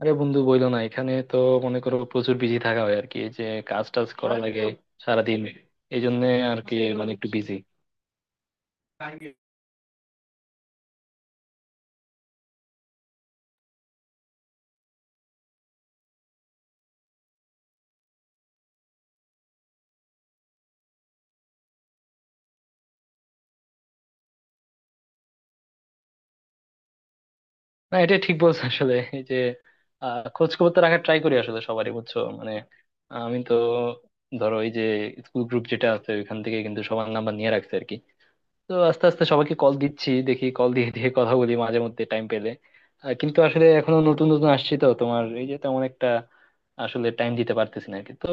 আরে বন্ধু বইলো না, এখানে তো মনে করো প্রচুর বিজি থাকা হয় আর কি। এই যে কাজ টাজ করা লাগে সারাদিন। এই জন্য আর কি, মানে একটু বিজি। না, এটা ঠিক বলছো। আসলে এই যে খোঁজ খবর তো রাখার ট্রাই করি আসলে সবারই, বুঝছো মানে। আমি তো ধরো এই যে স্কুল গ্রুপ যেটা আছে ওইখান থেকে কিন্তু সবার নাম্বার নিয়ে রাখছে আর কি। তো আস্তে আস্তে সবাইকে কল দিচ্ছি, দেখি কল দিয়ে দিয়ে কথা বলি মাঝে মধ্যে টাইম পেলে। কিন্তু আসলে এখনো নতুন নতুন আসছি তো তোমার, এই যে তেমন একটা আসলে টাইম দিতে পারতেছি না আর কি। তো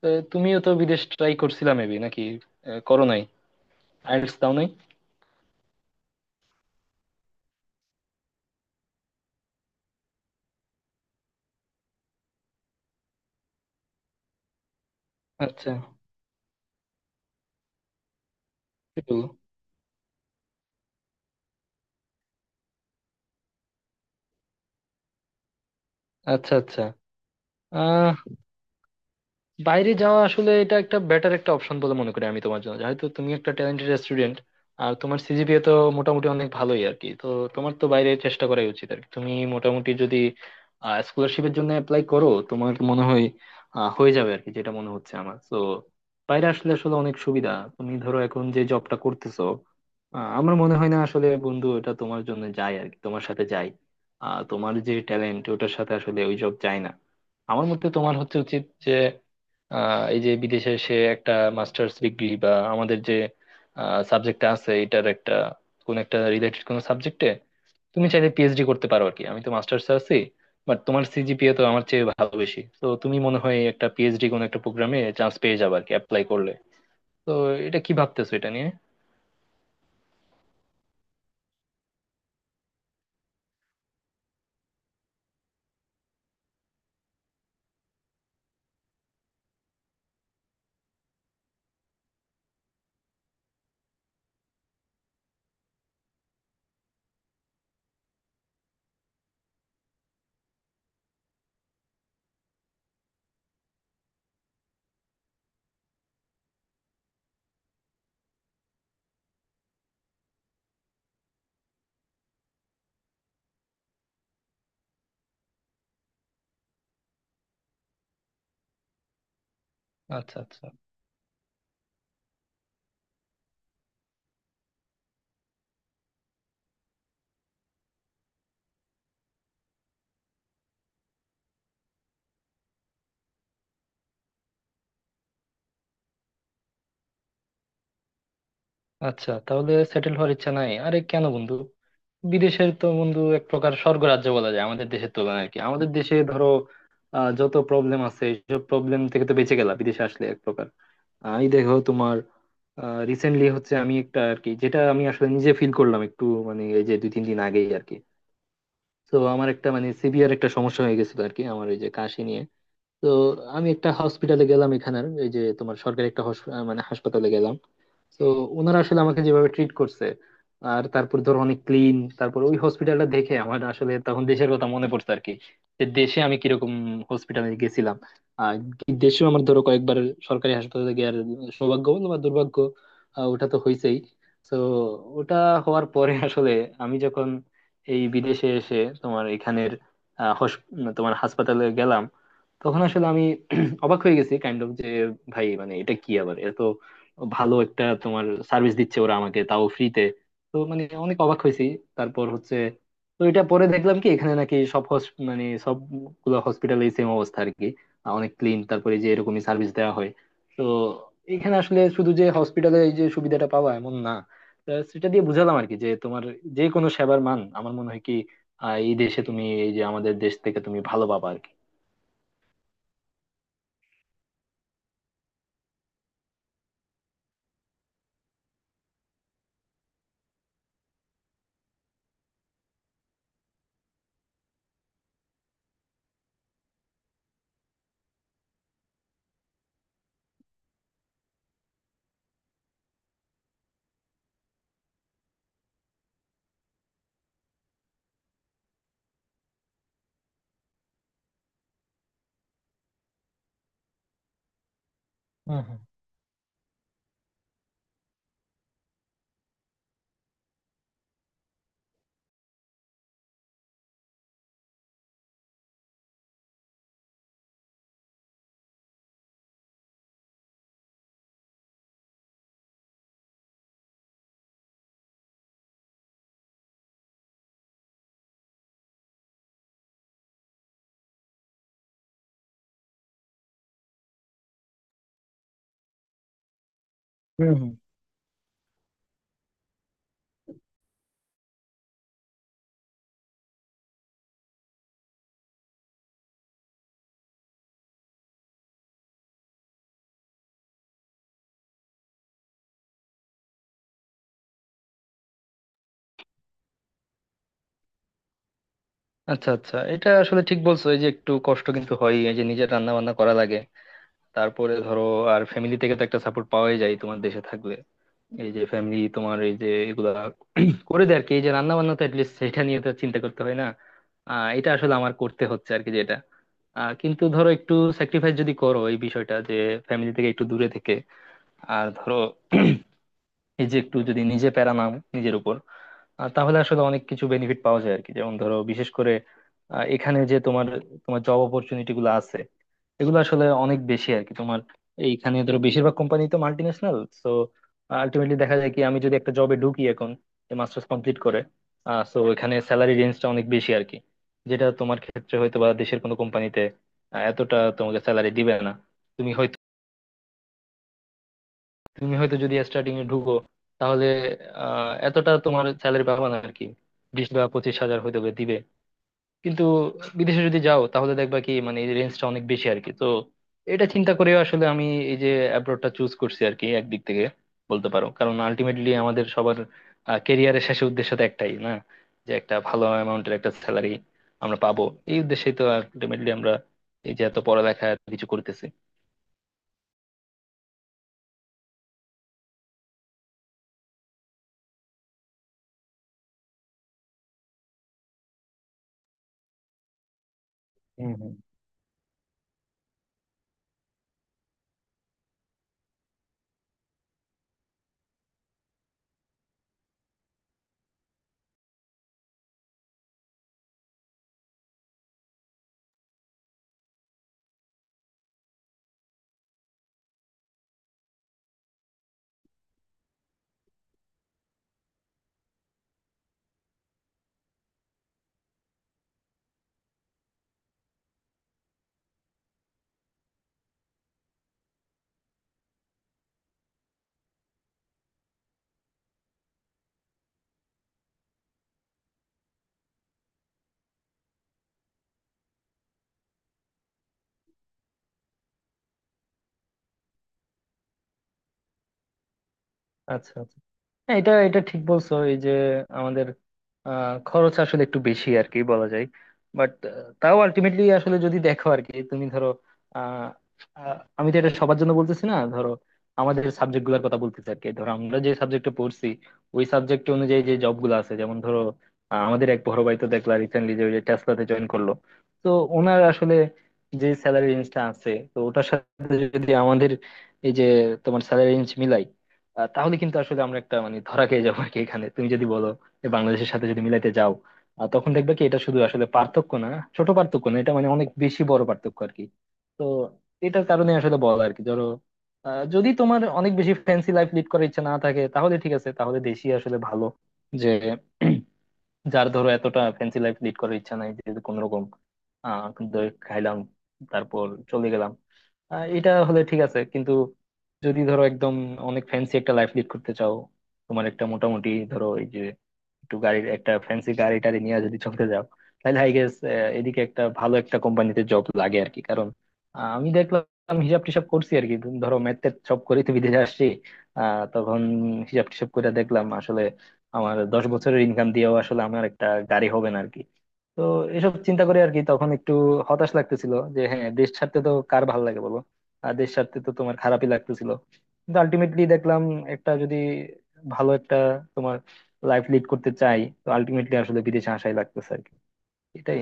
তো তুমিও তো বিদেশ ট্রাই করছিলা মেবি, নাকি? করো নাই? আইএলটিএস দাও নাই? আচ্ছা। কি বলো? আচ্ছা, আচ্ছা। বাইরে যাওয়া আসলে এটা একটা বেটার একটা অপশন বলে মনে করি আমি তোমার জন্য, যেহেতু তুমি একটা ট্যালেন্টেড স্টুডেন্ট। আর তোমার সিজিপিএ তো মোটামুটি অনেক ভালোই আর কি। তো তোমার তো বাইরে চেষ্টা করাই উচিত আর কি। তুমি মোটামুটি যদি স্কলারশিপের জন্য অ্যাপ্লাই করো, তোমার মনে হয় হয়ে যাবে আর কি, যেটা মনে হচ্ছে আমার তো। বাইরে আসলে আসলে অনেক সুবিধা। তুমি ধরো এখন যে জবটা করতেছো, আমার মনে হয় না আসলে বন্ধু, এটা তোমার জন্য যায় আর কি, তোমার সাথে যায়। তোমার যে ট্যালেন্ট ওটার সাথে আসলে ওই জব যায় না। আমার মতে তোমার হচ্ছে উচিত যে এই যে বিদেশে সে একটা মাস্টার্স ডিগ্রি বা আমাদের যে সাবজেক্ট আছে এটার একটা কোন একটা রিলেটেড কোন সাবজেক্টে তুমি চাইলে পিএইচডি করতে পারো আর কি। আমি তো মাস্টার্স আছি, বাট তোমার সিজিপিএ তো আমার চেয়ে ভালো, বেশি। তো তুমি মনে হয় একটা পিএইচডি কোন একটা প্রোগ্রামে চান্স পেয়ে যাবে আর কি অ্যাপ্লাই করলে। তো এটা কি ভাবতেছো এটা নিয়ে? আচ্ছা, আচ্ছা। আচ্ছা, তাহলে সেটেল হওয়ার ইচ্ছা নাই? আরে কেন বন্ধু! বিদেশের তো বন্ধু এক প্রকার স্বর্গরাজ্য বলা যায় আমাদের দেশের তুলনায় আর কি। আমাদের দেশে ধরো যত প্রবলেম আছে এইসব প্রবলেম থেকে তো বেঁচে গেলা বিদেশে আসলে এক প্রকার। এই দেখো তোমার রিসেন্টলি হচ্ছে আমি একটা আর কি, যেটা আমি আসলে নিজে ফিল করলাম একটু, মানে এই যে 2-3 দিন আগেই আর কি। তো আমার একটা মানে সিভিয়ার একটা সমস্যা হয়ে গেছিল আর কি, আমার ওই যে কাশি নিয়ে। তো আমি একটা হসপিটালে গেলাম এখানের, এই যে তোমার সরকারি একটা মানে হাসপাতালে গেলাম। তো ওনারা আসলে আমাকে যেভাবে ট্রিট করছে আর তারপর ধর অনেক ক্লিন, তারপর ওই হসপিটালটা দেখে আমার আসলে তখন দেশের কথা মনে পড়ছে আর কি, যে দেশে আমি কিরকম হসপিটালে গেছিলাম। আর দেশেও আমার ধরো কয়েকবার সরকারি হাসপাতালে গিয়ে সৌভাগ্য বল বা দুর্ভাগ্য, ওটা তো হয়েছেই। তো ওটা হওয়ার পরে আসলে আমি যখন এই বিদেশে এসে তোমার এখানের আহ, হস- তোমার হাসপাতালে গেলাম, তখন আসলে আমি অবাক হয়ে গেছি কাইন্ড অফ, যে ভাই মানে এটা কি আবার এত ভালো একটা তোমার সার্ভিস দিচ্ছে ওরা আমাকে, তাও ফ্রিতে! তো মানে অনেক অবাক হয়েছি। তারপর হচ্ছে তো এটা পরে দেখলাম কি, এখানে নাকি সব মানে সবগুলো হসপিটালে সেম অবস্থা আর কি, অনেক ক্লিন তারপরে, যে এরকমই সার্ভিস দেওয়া হয়। তো এখানে আসলে শুধু যে হসপিটালে এই যে সুবিধাটা পাওয়া এমন না। তা সেটা দিয়ে বুঝালাম আর কি যে, তোমার যে কোনো সেবার মান আমার মনে হয় কি এই দেশে তুমি এই যে আমাদের দেশ থেকে তুমি ভালো পাবা আর কি। হুম হুম। হুম হুম। আচ্ছা, আচ্ছা। এটা আসলে ঠিক বলছো এই যে একটু কষ্ট কিন্তু হয় এই যে নিজের রান্না বান্না করা লাগে। তারপরে ধরো আর ফ্যামিলি থেকে তো একটা সাপোর্ট পাওয়াই যায় তোমার দেশে থাকলে। এই যে ফ্যামিলি তোমার, এই যে এগুলা করে দেয় আর কি, এই যে রান্না বান্না, তো অ্যাটলিস্ট সেটা নিয়ে তো চিন্তা করতে হয় না। এটা আসলে আমার করতে হচ্ছে আর কি, যেটা কিন্তু ধরো একটু স্যাক্রিফাইস যদি করো এই বিষয়টা, যে ফ্যামিলি থেকে একটু দূরে থেকে আর ধরো এই যে একটু যদি নিজে প্যারা নাম নিজের উপর, তাহলে আসলে অনেক কিছু বেনিফিট পাওয়া যায় আর কি। যেমন ধরো বিশেষ করে এখানে যে তোমার, তোমার জব অপরচুনিটি গুলো আছে এগুলো আসলে অনেক বেশি আর কি তোমার। এইখানে ধরো বেশিরভাগ কোম্পানি তো মাল্টি ন্যাশনাল। তো আলটিমেটলি দেখা যায় কি, আমি যদি একটা জবে ঢুকি এখন মাস্টার্স কমপ্লিট করে, তো এখানে স্যালারি রেঞ্জটা অনেক বেশি আর কি। যেটা তোমার ক্ষেত্রে হয়তো বা দেশের কোনো কোম্পানিতে এতটা তোমাকে স্যালারি দিবে না। তুমি হয়তো তুমি হয়তো যদি স্টার্টিং এ ঢুকো তাহলে এতটা তোমার স্যালারি পাবা না আর কি। 20 বা 25 হাজার হয়তো বা দিবে। কিন্তু বিদেশে যদি যাও তাহলে দেখবা কি, মানে এই রেঞ্জটা অনেক বেশি আর কি। তো এটা চিন্তা করে আসলে আমি এই যে অ্যাব্রোডটা চুজ করছি আর কি, একদিক থেকে বলতে পারো। কারণ আলটিমেটলি আমাদের সবার ক্যারিয়ারের শেষে উদ্দেশ্য তো একটাই না, যে একটা ভালো অ্যামাউন্টের একটা স্যালারি আমরা পাবো। এই উদ্দেশ্যেই তো আলটিমেটলি আমরা এই যে এত পড়ালেখা এত কিছু করতেছি। আচ্ছা, আচ্ছা। হ্যাঁ, এটা এটা ঠিক বলছো এই যে আমাদের খরচ আসলে একটু বেশি আর কি, বলা যায়। বাট তাও আলটিমেটলি আসলে যদি দেখো আর কি, তুমি ধরো আহ, আহ, আমি তো এটা সবার জন্য বলতেছি না, ধরো আমাদের সাবজেক্ট গুলার কথা বলতেছি আর কি। ধরো আমরা যে সাবজেক্টে পড়ছি ওই সাবজেক্ট অনুযায়ী যে জব গুলো আছে, যেমন ধরো আমাদের এক বড় ভাই তো দেখলা রিসেন্টলি যে ওই যে টেসলাতে জয়েন করলো। তো ওনার আসলে যে স্যালারি রেঞ্জটা আছে, তো ওটার সাথে যদি আমাদের এই যে তোমার স্যালারি রেঞ্জ মিলাই তাহলে কিন্তু আসলে আমরা একটা মানে ধরা খেয়ে যাবো আর কি। এখানে তুমি যদি বলো যে বাংলাদেশের সাথে যদি মিলাইতে যাও, তখন দেখবে কি এটা শুধু আসলে পার্থক্য না, ছোট পার্থক্য না, এটা মানে অনেক বেশি বড় পার্থক্য আর কি। তো এটার কারণে আসলে বল আর কি, ধরো যদি তোমার অনেক বেশি ফ্যান্সি লাইফ লিড করার ইচ্ছা না থাকে তাহলে ঠিক আছে, তাহলে দেশি আসলে ভালো। যে যার ধরো এতটা ফ্যান্সি লাইফ লিড করার ইচ্ছা নাই, যে কোন রকম আহ দই খাইলাম তারপর চলে গেলাম, এটা হলে ঠিক আছে। কিন্তু যদি ধরো একদম অনেক ফ্যান্সি একটা লাইফ লিড করতে চাও, তোমার একটা মোটামুটি ধরো এই যে একটু গাড়ির, একটা ফ্যান্সি গাড়ি টাড়ি নিয়ে যদি চলতে যাও, তাহলে আই গেস এদিকে একটা ভালো একটা কোম্পানিতে জব লাগে আর কি। কারণ আমি দেখলাম, হিসাব টিসাব করছি আর কি। ধরো ম্যাথের সব করেই তো বিদেশে আসছি। তখন হিসাব টিসাব করে দেখলাম আসলে আমার 10 বছরের ইনকাম দিয়েও আসলে আমার একটা গাড়ি হবে না আর কি। তো এসব চিন্তা করে আর কি, তখন একটু হতাশ লাগতেছিল যে হ্যাঁ, দেশ ছাড়তে তো কার ভালো লাগে বলো? আর দেশ ছাড়তে তো তোমার খারাপই লাগতেছিল। কিন্তু আলটিমেটলি দেখলাম একটা যদি ভালো একটা তোমার লাইফ লিড করতে চাই, তো আলটিমেটলি আসলে বিদেশে আসাই লাগতেছে আর কি। এটাই।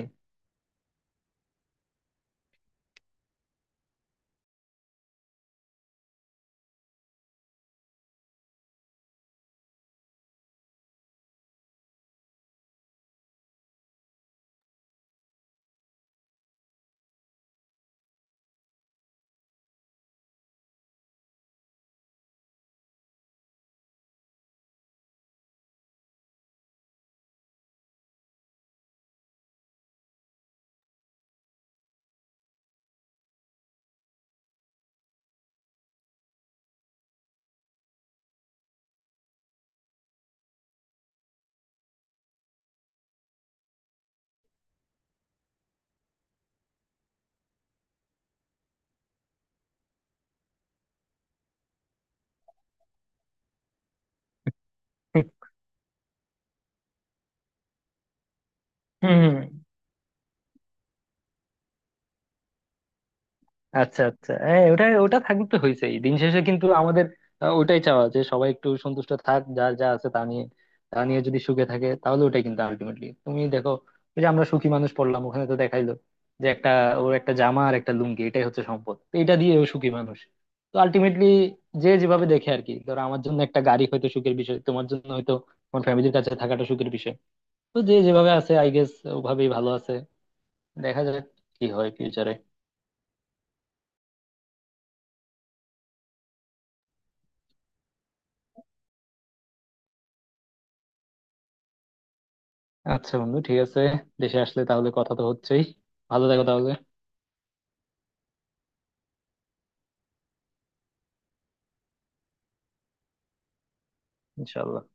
হুম হুম। আচ্ছা, আচ্ছা। হ্যাঁ, ওটা ওটা থাকলে তো হয়েছেই। দিন শেষে কিন্তু আমাদের ওটাই চাওয়া, যে সবাই একটু সন্তুষ্ট থাক যার যা আছে তা নিয়ে। তা নিয়ে যদি সুখে থাকে তাহলে ওটাই কিন্তু আলটিমেটলি। তুমি দেখো ওই যে আমরা সুখী মানুষ পড়লাম, ওখানে তো দেখাইলো যে একটা, ওর একটা জামা আর একটা লুঙ্গি এটাই হচ্ছে সম্পদ, তো এটা দিয়ে ও সুখী মানুষ। তো আলটিমেটলি যে যেভাবে দেখে আর কি। ধরো আমার জন্য একটা গাড়ি হয়তো সুখের বিষয়, তোমার জন্য হয়তো তোমার ফ্যামিলির কাছে থাকাটা সুখের বিষয়। তো যে যেভাবে আছে আই গেস ওভাবেই ভালো আছে। দেখা যাক কি হয় ফিউচারে। আচ্ছা বন্ধু ঠিক আছে, দেশে আসলে তাহলে কথা তো হচ্ছেই। ভালো থাকো তাহলে। ইনশাল্লাহ।